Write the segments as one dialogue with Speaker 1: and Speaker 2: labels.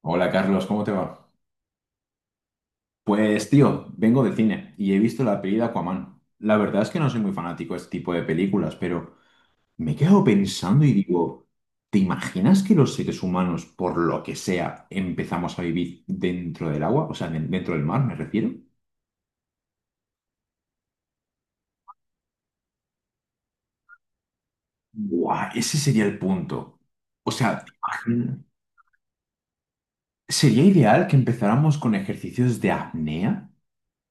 Speaker 1: Hola Carlos, ¿cómo te va? Pues tío, vengo de cine y he visto la peli de Aquaman. La verdad es que no soy muy fanático de este tipo de películas, pero me he quedado pensando y digo, ¿te imaginas que los seres humanos, por lo que sea, empezamos a vivir dentro del agua? O sea, dentro del mar, me refiero. ¡Guau! Ese sería el punto. O sea, ¿te imaginas? ¿Sería ideal que empezáramos con ejercicios de apnea?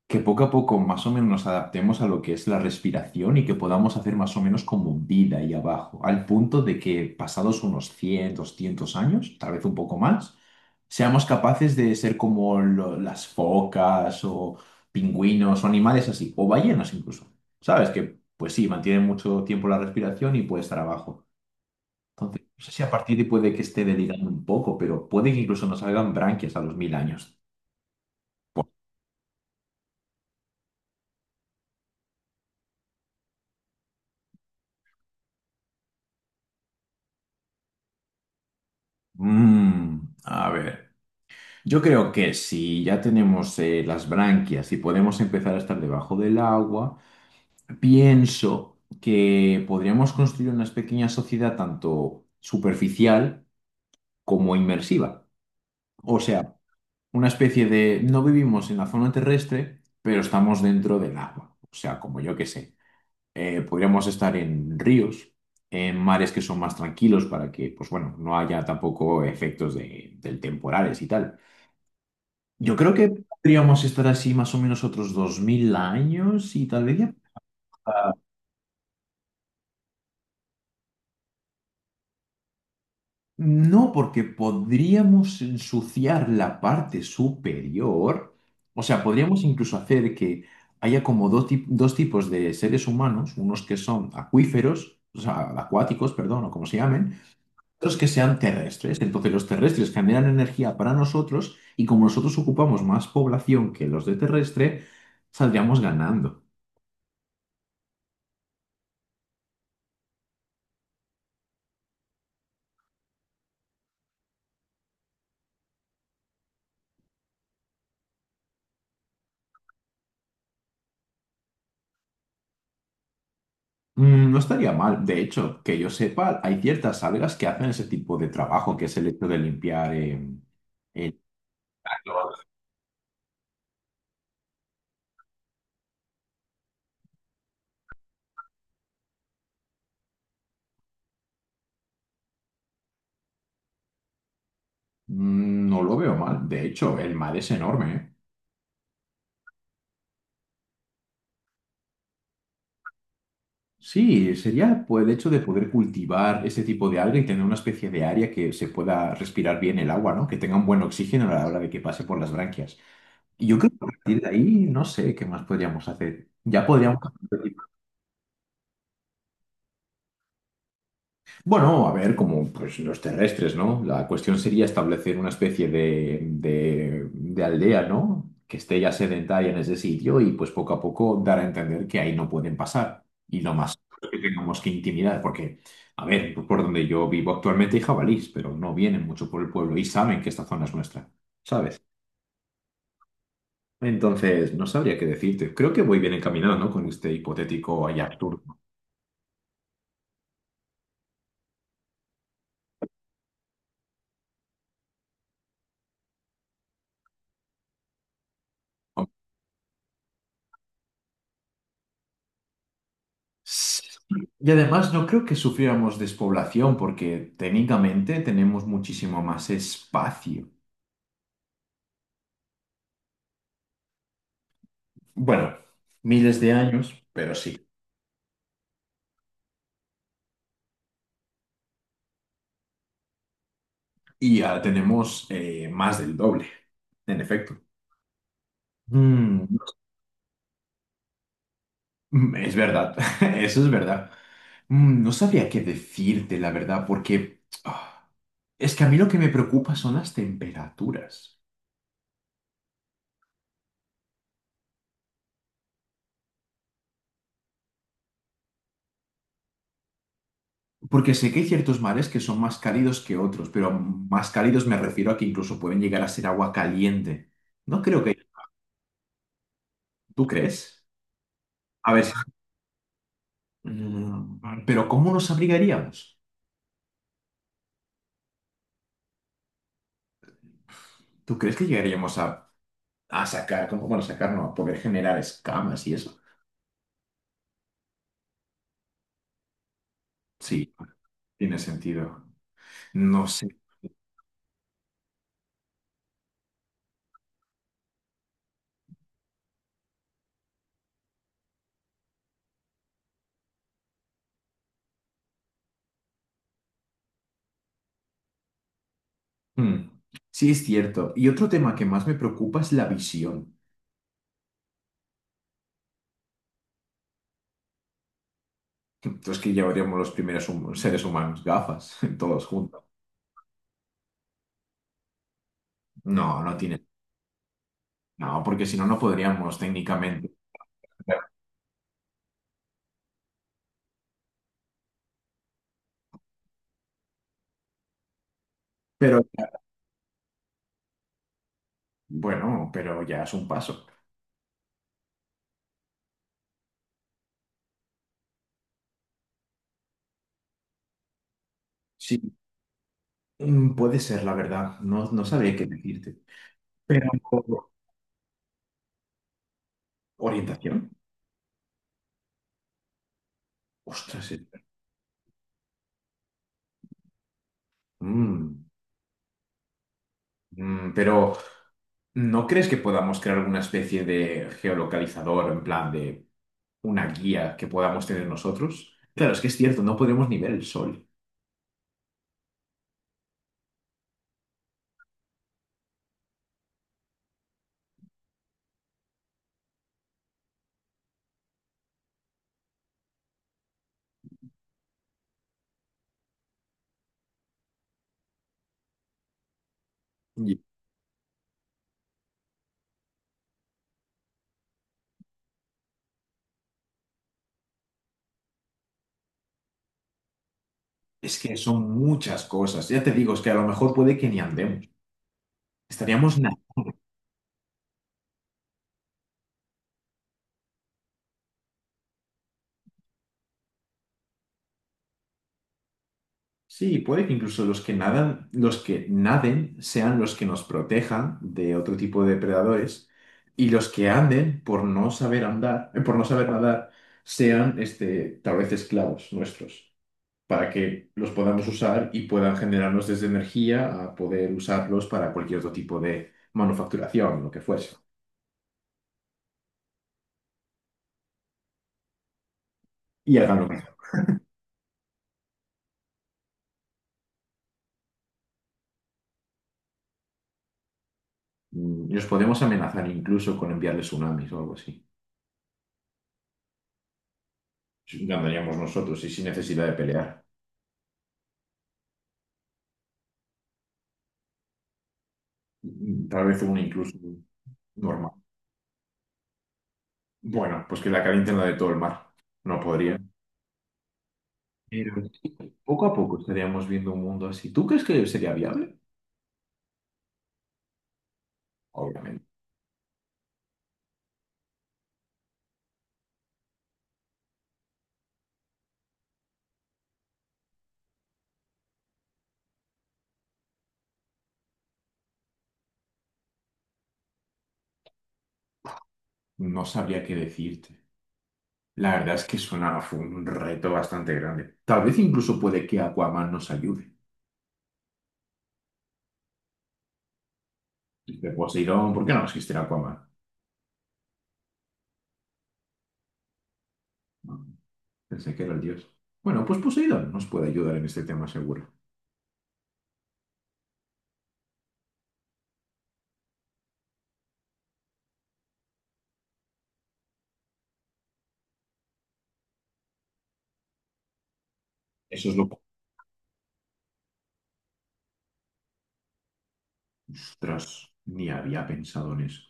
Speaker 1: Que poco a poco más o menos nos adaptemos a lo que es la respiración y que podamos hacer más o menos como un vida ahí abajo, al punto de que pasados unos 100, 200 años, tal vez un poco más, seamos capaces de ser como las focas o pingüinos o animales así, o ballenas incluso. ¿Sabes? Que pues sí, mantienen mucho tiempo la respiración y puede estar abajo. Entonces, no sé si a partir de puede que esté delirando un poco, pero puede que incluso nos salgan branquias a los 1000 años. Mm, a ver. Yo creo que si ya tenemos las branquias y podemos empezar a estar debajo del agua, pienso que podríamos construir una pequeña sociedad tanto superficial como inmersiva. O sea, una especie de no vivimos en la zona terrestre, pero estamos dentro del agua. O sea, como yo que sé, podríamos estar en ríos, en mares que son más tranquilos para que, pues bueno, no haya tampoco efectos de, del temporales y tal. Yo creo que podríamos estar así más o menos otros 2000 años y tal vez ya... No, porque podríamos ensuciar la parte superior. O sea, podríamos incluso hacer que haya como dos, dos tipos de seres humanos, unos que son acuíferos, o sea, acuáticos, perdón, o como se llamen, otros que sean terrestres. Entonces los terrestres generan energía para nosotros y como nosotros ocupamos más población que los de terrestre, saldríamos ganando. Mm, no estaría mal. De hecho, que yo sepa, hay ciertas algas que hacen ese tipo de trabajo, que es el hecho de limpiar el- mm, no lo veo mal. De hecho, el mar es enorme, ¿eh? Sí, sería pues, el hecho de poder cultivar ese tipo de alga y tener una especie de área que se pueda respirar bien el agua, ¿no? Que tenga un buen oxígeno a la hora de que pase por las branquias. Y yo creo que a partir de ahí, no sé qué más podríamos hacer. Ya podríamos... Bueno, a ver, como pues, los terrestres, ¿no? La cuestión sería establecer una especie de, de aldea, ¿no? Que esté ya sedentaria en ese sitio y pues poco a poco dar a entender que ahí no pueden pasar. Y lo más que tengamos que intimidar, porque, a ver, por donde yo vivo actualmente hay jabalís, pero no vienen mucho por el pueblo y saben que esta zona es nuestra, ¿sabes? Entonces, no sabría qué decirte. Creo que voy bien encaminado, ¿no? Con este hipotético allá turno. Sí. Y además no creo que sufriéramos despoblación porque técnicamente tenemos muchísimo más espacio. Bueno, miles de años, pero sí. Y ya tenemos más del doble, en efecto. Mm, mm, es verdad, eso es verdad. Mm, no sabría qué decirte, la verdad, porque es que a mí lo que me preocupa son las temperaturas. Porque sé que hay ciertos mares que son más cálidos que otros, pero más cálidos me refiero a que incluso pueden llegar a ser agua caliente. No creo que... ¿Tú crees? A ver, si- mm, pero ¿cómo nos abrigaríamos? ¿Tú crees que llegaríamos a sacar, como, bueno, sacar no, a poder generar escamas y eso? Sí, tiene sentido. No sé. Mm, sí, es cierto. Y otro tema que más me preocupa es la visión. Entonces que llevaríamos los primeros seres humanos gafas, todos juntos. No, no tiene. No, porque si no, no podríamos técnicamente. Pero bueno, pero ya es un paso. Sí, mm, puede ser, la verdad. No, no sabría qué decirte. Pero orientación. Ostras, es- mm, mm, pero ¿no crees que podamos crear alguna especie de geolocalizador en plan de una guía que podamos tener nosotros? Claro, es que es cierto, no podemos ni ver el sol. Y es que son muchas cosas. Ya te digo, es que a lo mejor puede que ni andemos. Estaríamos na- sí, puede que incluso los que nadan, los que naden sean los que nos protejan de otro tipo de depredadores y los que anden por no saber andar, por no saber nadar, sean este, tal vez esclavos nuestros, para que los podamos usar y puedan generarnos desde energía a poder usarlos para cualquier otro tipo de manufacturación, lo que fuese. Y hagan lo que hagan. Mm, los podemos amenazar incluso con enviarles tsunamis o algo así. Ganaríamos nosotros y sin necesidad de pelear. Mm, tal vez uno incluso. Normal. Bueno, pues que la calienten la de todo el mar. No podría. Pero poco a poco estaríamos viendo un mundo así. ¿Tú crees que sería viable? Obviamente. No sabría qué decirte. La verdad es que suena fue un reto bastante grande. Tal vez incluso puede que Aquaman nos ayude. De Poseidón, ¿por qué no existe Aquaman? No, pensé que era el dios. Bueno, pues Poseidón nos puede ayudar en este tema seguro. Eso es lo que... Ostras, ni había pensado en eso.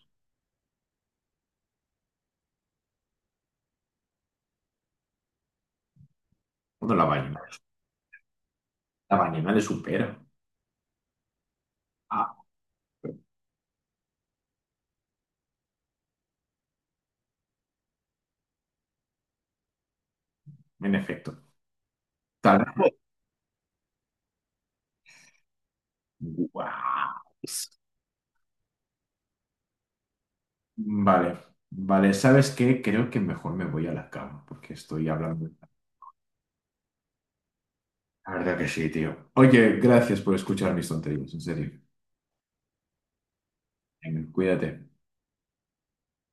Speaker 1: Bueno, la ballena. La ballena le supera. Ah, en efecto. Tal guau. Vale, vale, ¿sabes qué? Creo que mejor me voy a la cama porque estoy hablando. La verdad que sí, tío. Oye, gracias por escuchar mis tonterías, en serio. Venga, cuídate.